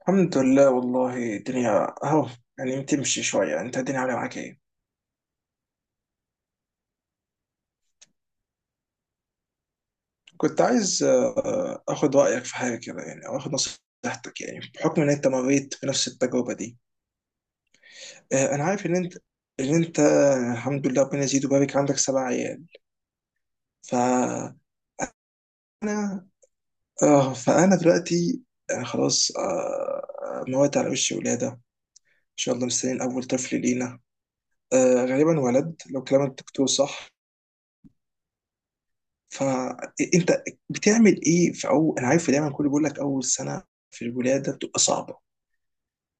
الحمد لله والله، الدنيا اهو يعني بتمشي شوية. انت الدنيا عاملة معاك ايه؟ كنت عايز اخد رأيك في حاجة كده، يعني او اخد نصيحتك، يعني بحكم ان انت مريت بنفس التجربة دي. انا عارف ان انت الحمد لله ربنا يزيد ويبارك، عندك سبع عيال. ف اه فانا دلوقتي خلاص، موات على وش ولادة ان شاء الله، مستنيين اول طفل لينا. غالبا ولد لو كلام الدكتور صح. فانت بتعمل ايه في اول، انا عارف دايما كله بيقول لك اول سنه في الولاده بتبقى صعبه.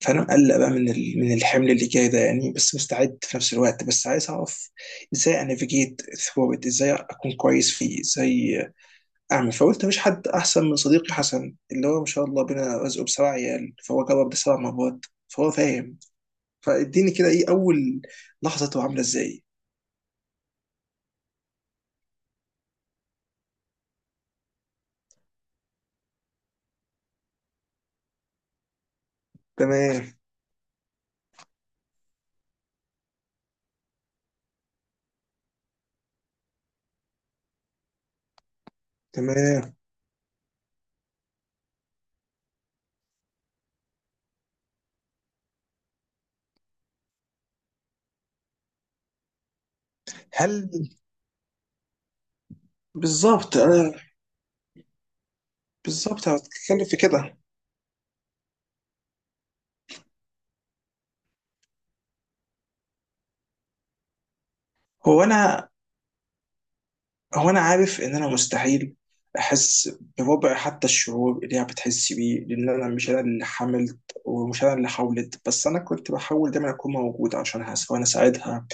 فانا مقلق بقى من الحمل اللي جاي ده، يعني بس مستعد في نفس الوقت، بس عايز اعرف ازاي انافيجيت ثرو ات، ازاي اكون كويس فيه، ازاي اعمل. فقلت مفيش حد احسن من صديقي حسن، اللي هو ما شاء الله بينا رزقه بسبع عيال، فهو جرب ده سبع مرات، فهو فاهم. فاديني كده، ايه اول لحظته عامله ازاي؟ تمام. تمام. هل... بالظبط. بالظبط انا بتتكلم في كده. هو انا هو انا عارف ان انا مستحيل احس بربع حتى الشعور اللي هي بتحس بيه، لان انا مش انا اللي حملت، ومش انا اللي حاولت، بس انا كنت بحاول دايما اكون موجود عشانها، سواء اساعدها،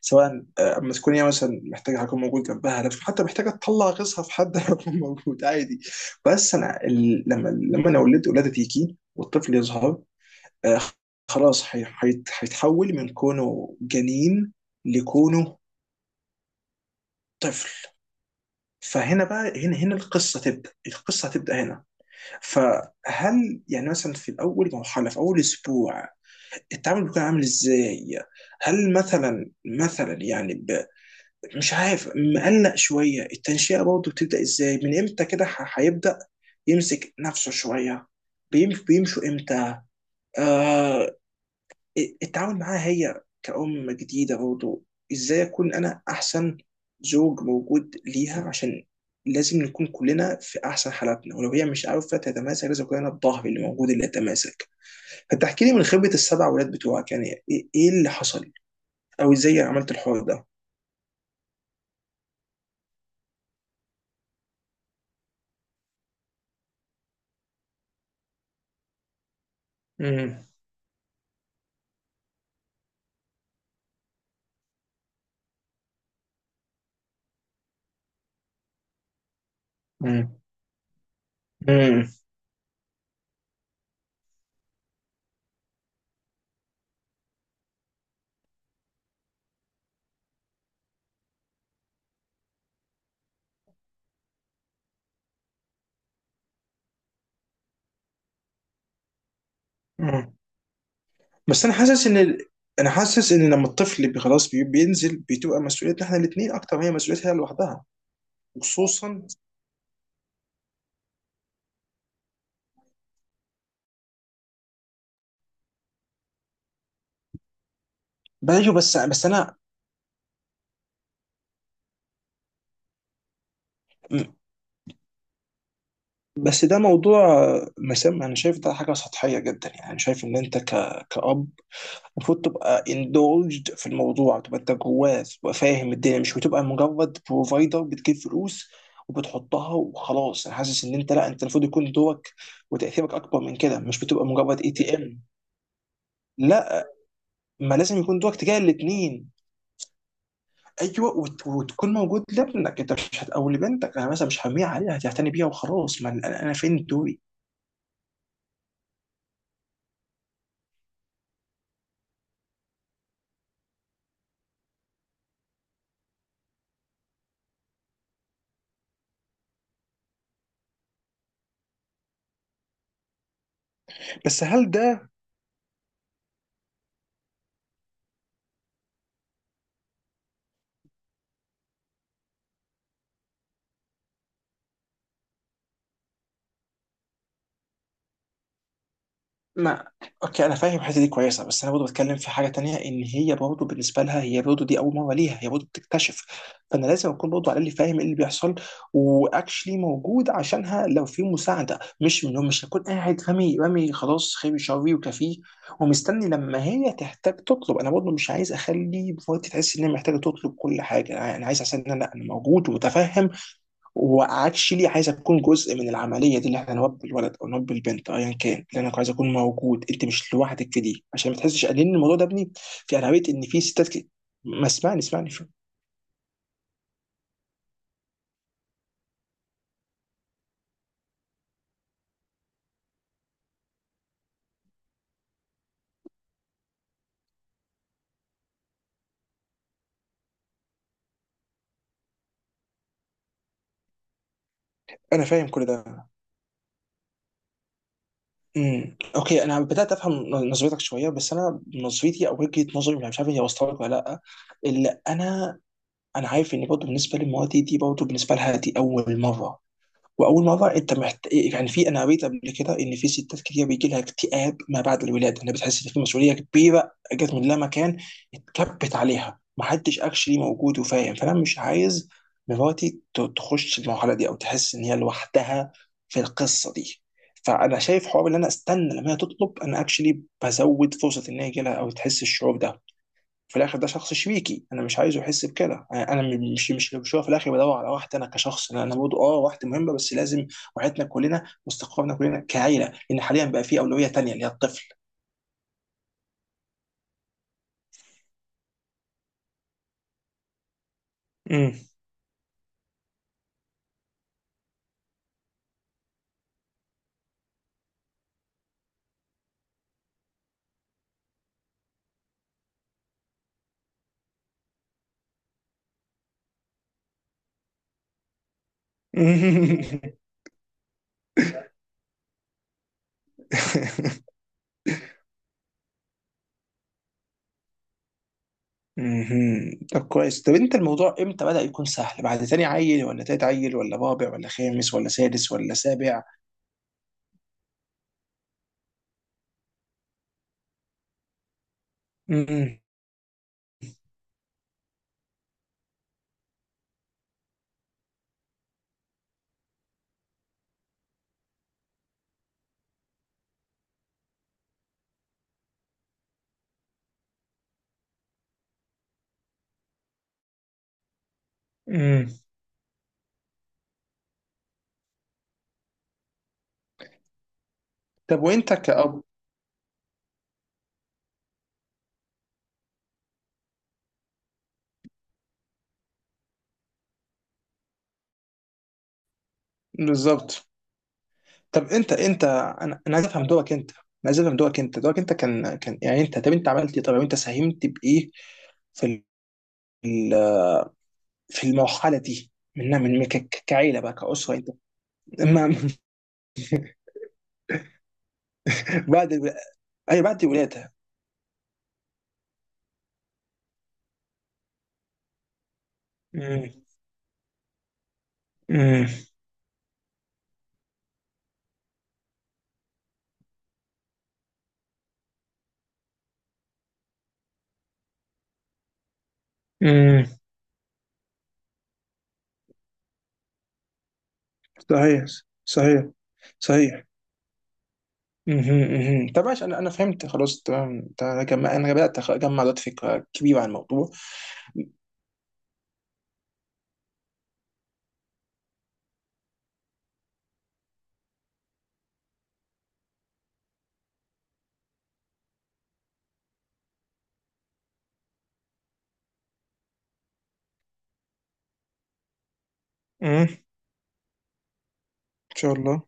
سواء اما تكون هي مثلا محتاجه اكون موجود جنبها، لو حتى محتاجه تطلع غيظها في حد أنا اكون موجود عادي. بس انا لما انا ولدت ولاده تيجي والطفل يظهر، آه، خلاص هيتحول من كونه جنين لكونه طفل. فهنا بقى، هنا القصه هتبدا هنا. فهل يعني مثلا، في اول مرحله، في اول اسبوع، التعامل بيكون عامل ازاي؟ هل مثلا، يعني مش عارف، مقلق شويه، التنشئه برضه بتبدا ازاي، من امتى كده هيبدا يمسك نفسه شويه، بيمشوا امتى؟ آه التعامل معاها هي كأم جديدة برضه، ازاي اكون انا احسن زوج موجود ليها؟ عشان لازم نكون كلنا في احسن حالاتنا، ولو هي مش عارفة تتماسك لازم كلنا الظهر اللي موجود اللي يتماسك. فتحكي لي من خبرة السبع ولاد بتوعك، يعني ايه اللي حصل، او ازاي عملت الحوار ده؟ امم. امم. امم. أمم. بس انا حاسس ان لما الطفل بينزل، بتبقى مسؤوليتنا احنا الاثنين اكتر ما هي مسؤوليتها لوحدها. وخصوصا... بلاش، بس انا. بس ده موضوع مسام. انا شايف ده حاجه سطحيه جدا، يعني انا شايف ان انت كأب، المفروض تبقى indulged في الموضوع، تبقى انت جواه، تبقى فاهم الدنيا. مش بتبقى مجرد بروفايدر بتجيب فلوس وبتحطها وخلاص. انا حاسس ان انت، لا، انت المفروض يكون دورك وتاثيرك اكبر من كده. مش بتبقى مجرد اي تي ام. لا، ما لازم يكون دورك تجاه الاثنين. ايوه، وتكون موجود لابنك، انت مش او لبنتك. انا مثلا مش هرميها عليها، هتعتني بيها وخلاص. ما انا فين دوري؟ بس هل ده... ما، اوكي، انا فاهم الحته دي كويسه، بس انا برضه بتكلم في حاجه تانية، ان هي برضه بالنسبه لها، هي برضه دي اول مره ليها، هي برضه بتكتشف. فانا لازم اكون برضه، على الاقل، فاهم ايه اللي بيحصل، واكشلي موجود عشانها لو في مساعده. مش هكون قاعد رامي رامي خلاص، خيري شري وكفيه، ومستني لما هي تحتاج تطلب. انا برضه مش عايز اخلي مراتي تحس ان هي محتاجه تطلب كل حاجه. انا عايز احس ان انا موجود ومتفهم. واكشلي عايز اكون جزء من العمليه دي، اللي احنا نربي الولد او نربي البنت، ايا كان. اللي انا عايز اكون موجود، انت مش لوحدك في دي، عشان ما تحسش لان الموضوع ده ابني. في، انا قريت ان في ستات كده. ما، اسمعني اسمعني، شو. انا فاهم كل ده. امم. اوكي، انا بدات افهم نظرتك شويه، بس انا نظرتي، او وجهه نظري، مش عارف هي وصلت لك ولا لا. اللي انا، انا عارف ان برضه بالنسبه لمراتي دي، برضه بالنسبه لها دي اول مره. واول مره انت يعني، في، انا قريت قبل كده ان في ستات كتير بيجي لها اكتئاب ما بعد الولاده، انها بتحس ان في مسؤوليه كبيره جت من لا مكان، اتكبت عليها، محدش اكشلي موجود وفاهم. فانا مش عايز مراتي تخش المرحله دي، او تحس ان هي لوحدها في القصه دي. فانا شايف حوار ان انا استنى لما هي تطلب، انا اكشلي بزود فرصه ان هي يجي لها، او تحس الشعور ده. في الاخر ده شخص شبيكي، انا مش عايزه يحس بكده. انا مش هو في الاخر بدور على واحد، انا كشخص انا برضه واحد مهمه، بس لازم وعيتنا كلنا واستقرارنا كلنا كعيله، لان حاليا بقى في اولويه تانيه اللي هي الطفل. مم. مهم. طب كويس، طب انت، الموضوع امتى بدأ يكون سهل؟ بعد تاني عيل، ولا تالت عيل، ولا رابع، ولا خامس، ولا سادس، ولا سابع؟ مم. مم. طب وانت كأب؟ بالظبط. طب انت انا عايز افهم دورك انت، انا عايز افهم دورك. انت دورك انت كان يعني انت، طب انت عملت ايه؟ طب انت ساهمت بايه في ال- في المرحله دي، من كعيله بقى كاسره انت؟ ما. بعد بعد الولاده. امم. امم. امم. صحيح. صحيح. صحيح. مهم، مهم. طب ماشي، انا فهمت خلاص، تمام تمام. انا بدات اجمع دلوقتي فكره كبيره عن الموضوع. امم. ان شاء الله.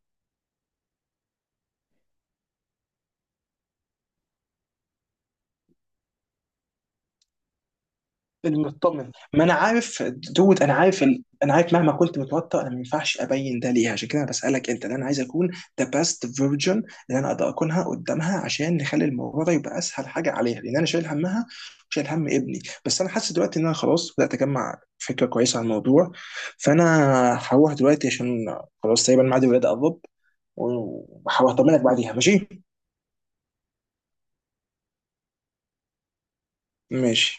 المطمن، ما انا عارف. دود، انا عارف مهما كنت متوتر انا ما ينفعش ابين ده ليها، عشان كده انا بسالك انت، لأن انا عايز اكون ذا بيست فيرجن، اللي انا اقدر اكونها قدامها، عشان نخلي الموضوع ده يبقى اسهل حاجه عليها، لان انا شايل همها وشايل هم ابني. بس انا حاسس دلوقتي ان انا خلاص بدات اجمع فكره كويسه عن الموضوع. فانا هروح دلوقتي، عشان خلاص تقريبا ميعاد الولاده قرب، وهطمنك بعديها. ماشي. ماشي.